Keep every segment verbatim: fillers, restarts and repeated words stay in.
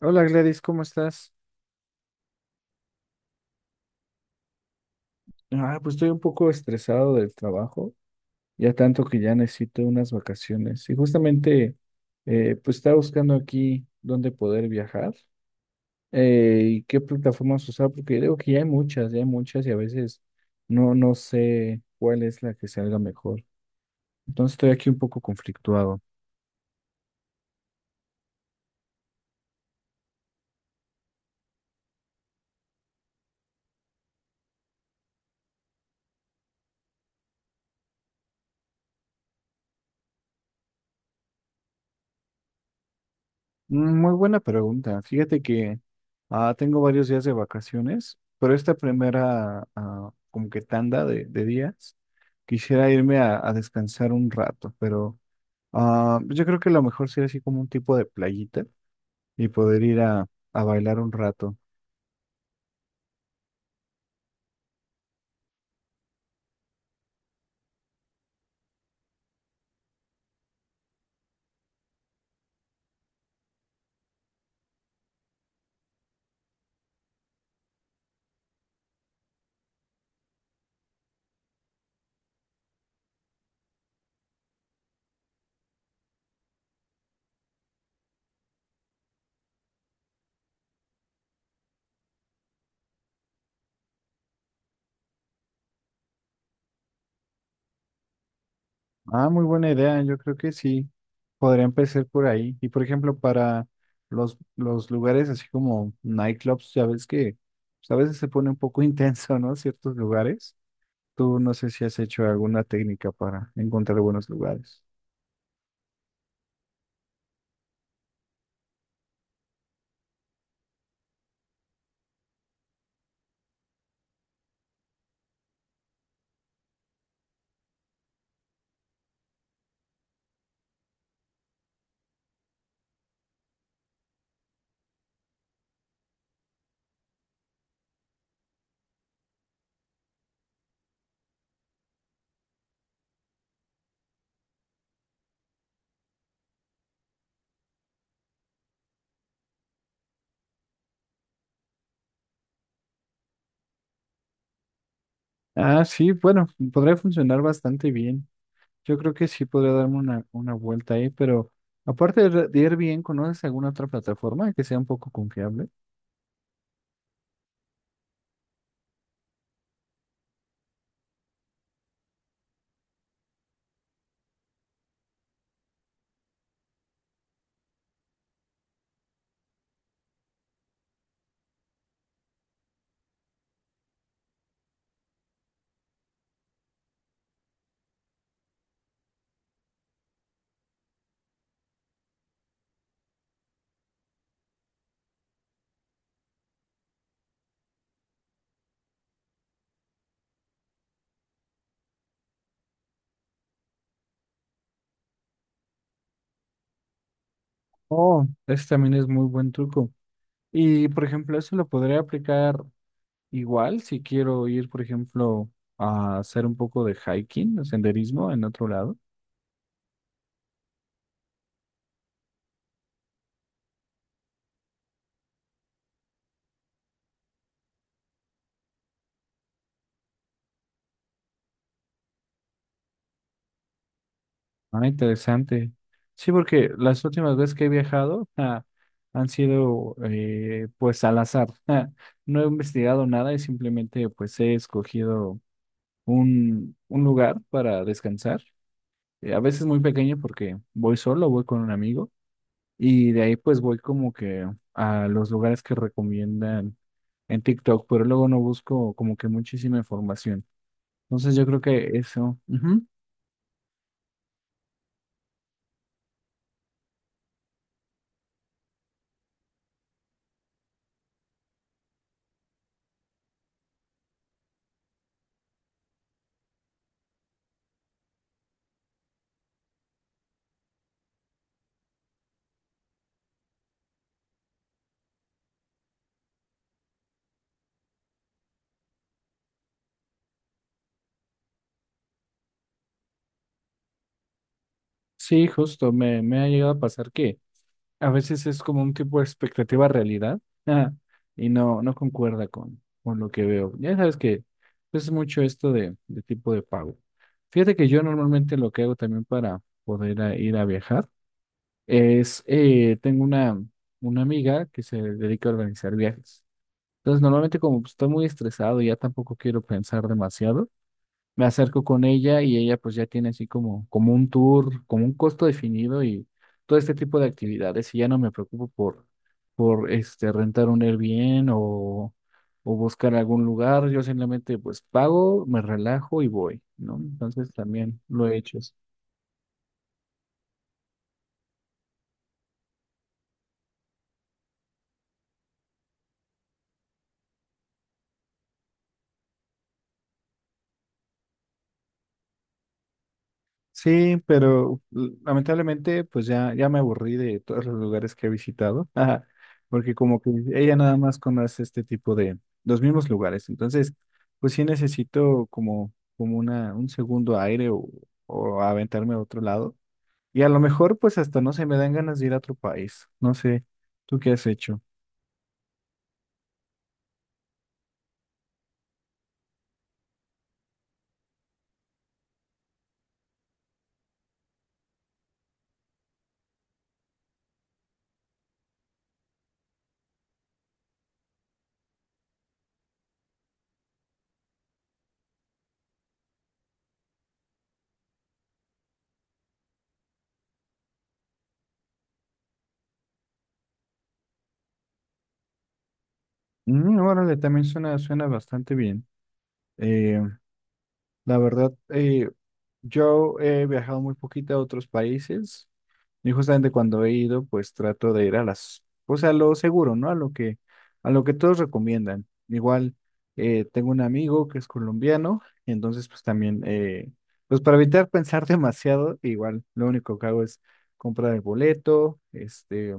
Hola Gladys, ¿cómo estás? Ah, pues estoy un poco estresado del trabajo, ya tanto que ya necesito unas vacaciones. Y justamente, eh, pues estaba buscando aquí dónde poder viajar eh, y qué plataformas usar, porque digo que ya hay muchas, ya hay muchas y a veces no, no sé cuál es la que salga mejor. Entonces estoy aquí un poco conflictuado. Muy buena pregunta. Fíjate que ah, tengo varios días de vacaciones, pero esta primera ah, como que tanda de, de días quisiera irme a, a descansar un rato, pero ah, pues yo creo que lo mejor sería así como un tipo de playita y poder ir a, a bailar un rato. Ah, muy buena idea. Yo creo que sí. Podría empezar por ahí. Y por ejemplo, para los, los lugares así como nightclubs, ya ves que pues, a veces se pone un poco intenso, ¿no? Ciertos lugares. Tú no sé si has hecho alguna técnica para encontrar buenos lugares. Ah, sí, bueno, podría funcionar bastante bien. Yo creo que sí podría darme una, una vuelta ahí, pero aparte de re- de Airbnb, ¿conoces alguna otra plataforma que sea un poco confiable? Oh, ese también es muy buen truco. Y, por ejemplo, eso lo podría aplicar igual si quiero ir, por ejemplo, a hacer un poco de hiking o senderismo en otro lado. Ah, interesante. Sí, porque las últimas veces que he viajado ah, han sido eh, pues al azar. Ah, no he investigado nada y simplemente pues he escogido un, un lugar para descansar. Eh, a veces muy pequeño porque voy solo, voy con un amigo y de ahí pues voy como que a los lugares que recomiendan en TikTok, pero luego no busco como que muchísima información. Entonces yo creo que eso. Ujú. Sí, justo, me, me ha llegado a pasar que a veces es como un tipo de expectativa realidad ah, y no, no concuerda con, con lo que veo. Ya sabes que es mucho esto de, de tipo de pago. Fíjate que yo normalmente lo que hago también para poder a- ir a viajar es, eh, tengo una, una amiga que se dedica a organizar viajes. Entonces, normalmente como pues, estoy muy estresado y ya tampoco quiero pensar demasiado, me acerco con ella y ella pues ya tiene así como, como un tour, como un costo definido y todo este tipo de actividades y ya no me preocupo por, por este, rentar un Airbnb o, o buscar algún lugar, yo simplemente pues pago, me relajo y voy, ¿no? Entonces también lo he hecho. Sí, pero l- lamentablemente pues ya, ya me aburrí de todos los lugares que he visitado, porque como que ella nada más conoce este tipo de los mismos lugares, entonces pues sí necesito como, como una, un segundo aire o, o aventarme a otro lado y a lo mejor pues hasta no se me dan ganas de ir a otro país, no sé, ¿tú qué has hecho? Mm, órale, también suena, suena bastante bien. Eh, la verdad, eh, yo he viajado muy poquito a otros países. Y justamente cuando he ido, pues trato de ir a las, pues a lo seguro, ¿no? A lo que, a lo que todos recomiendan. Igual, eh, tengo un amigo que es colombiano, y entonces pues también, eh, pues para evitar pensar demasiado, igual lo único que hago es comprar el boleto, este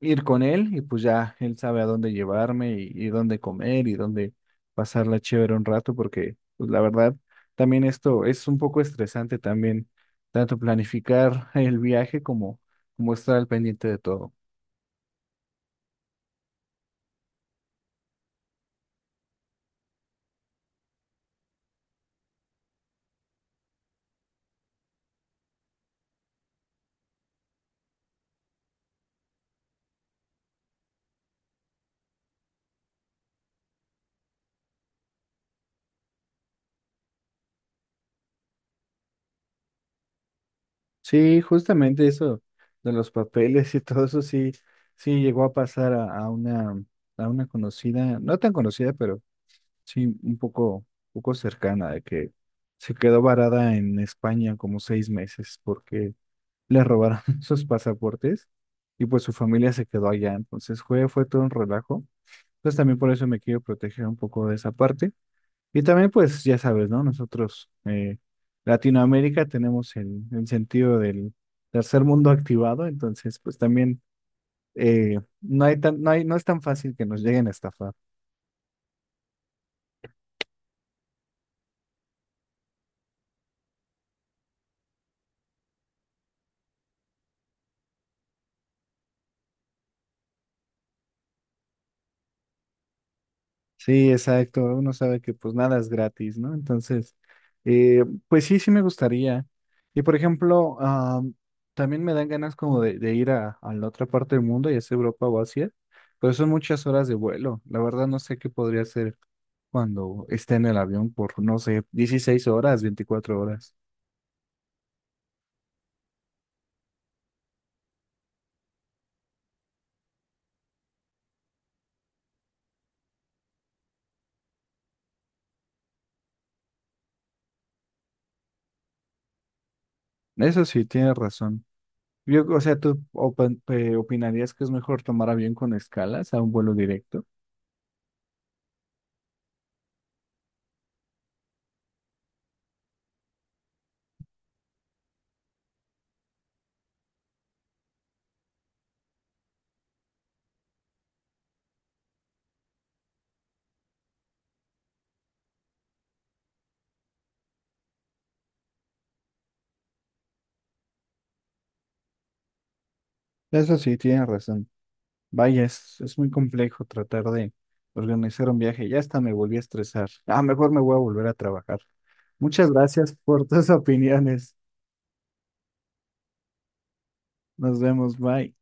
ir con él y pues ya él sabe a dónde llevarme y, y dónde comer y dónde pasarla chévere un rato porque pues la verdad también esto es un poco estresante también tanto planificar el viaje como como estar al pendiente de todo. Sí, justamente eso de los papeles y todo eso sí sí llegó a pasar a, a una a una conocida, no tan conocida, pero sí un poco poco cercana de que se quedó varada en España como seis meses porque le robaron sus pasaportes y pues su familia se quedó allá. Entonces fue, fue todo un relajo. Entonces también por eso me quiero proteger un poco de esa parte. Y también pues ya sabes, ¿no? Nosotros, eh, Latinoamérica, tenemos el, el sentido del tercer mundo activado, entonces pues también eh, no hay tan, no hay, no es tan fácil que nos lleguen a estafar. Sí, exacto. Uno sabe que pues nada es gratis, ¿no? Entonces, eh, pues sí, sí me gustaría. Y por ejemplo, ah, también me dan ganas como de, de ir a, a la otra parte del mundo, ya sea Europa o Asia, pero son muchas horas de vuelo. La verdad no sé qué podría hacer cuando esté en el avión por, no sé, dieciséis horas, veinticuatro horas. Eso sí, tienes razón. Yo, o sea, ¿tú opin- eh, opinarías que es mejor tomar avión con escalas a un vuelo directo? Eso sí, tienes razón. Vaya, es, es muy complejo tratar de organizar un viaje. Ya hasta me volví a estresar. Ah, mejor me voy a volver a trabajar. Muchas gracias por tus opiniones. Nos vemos, bye.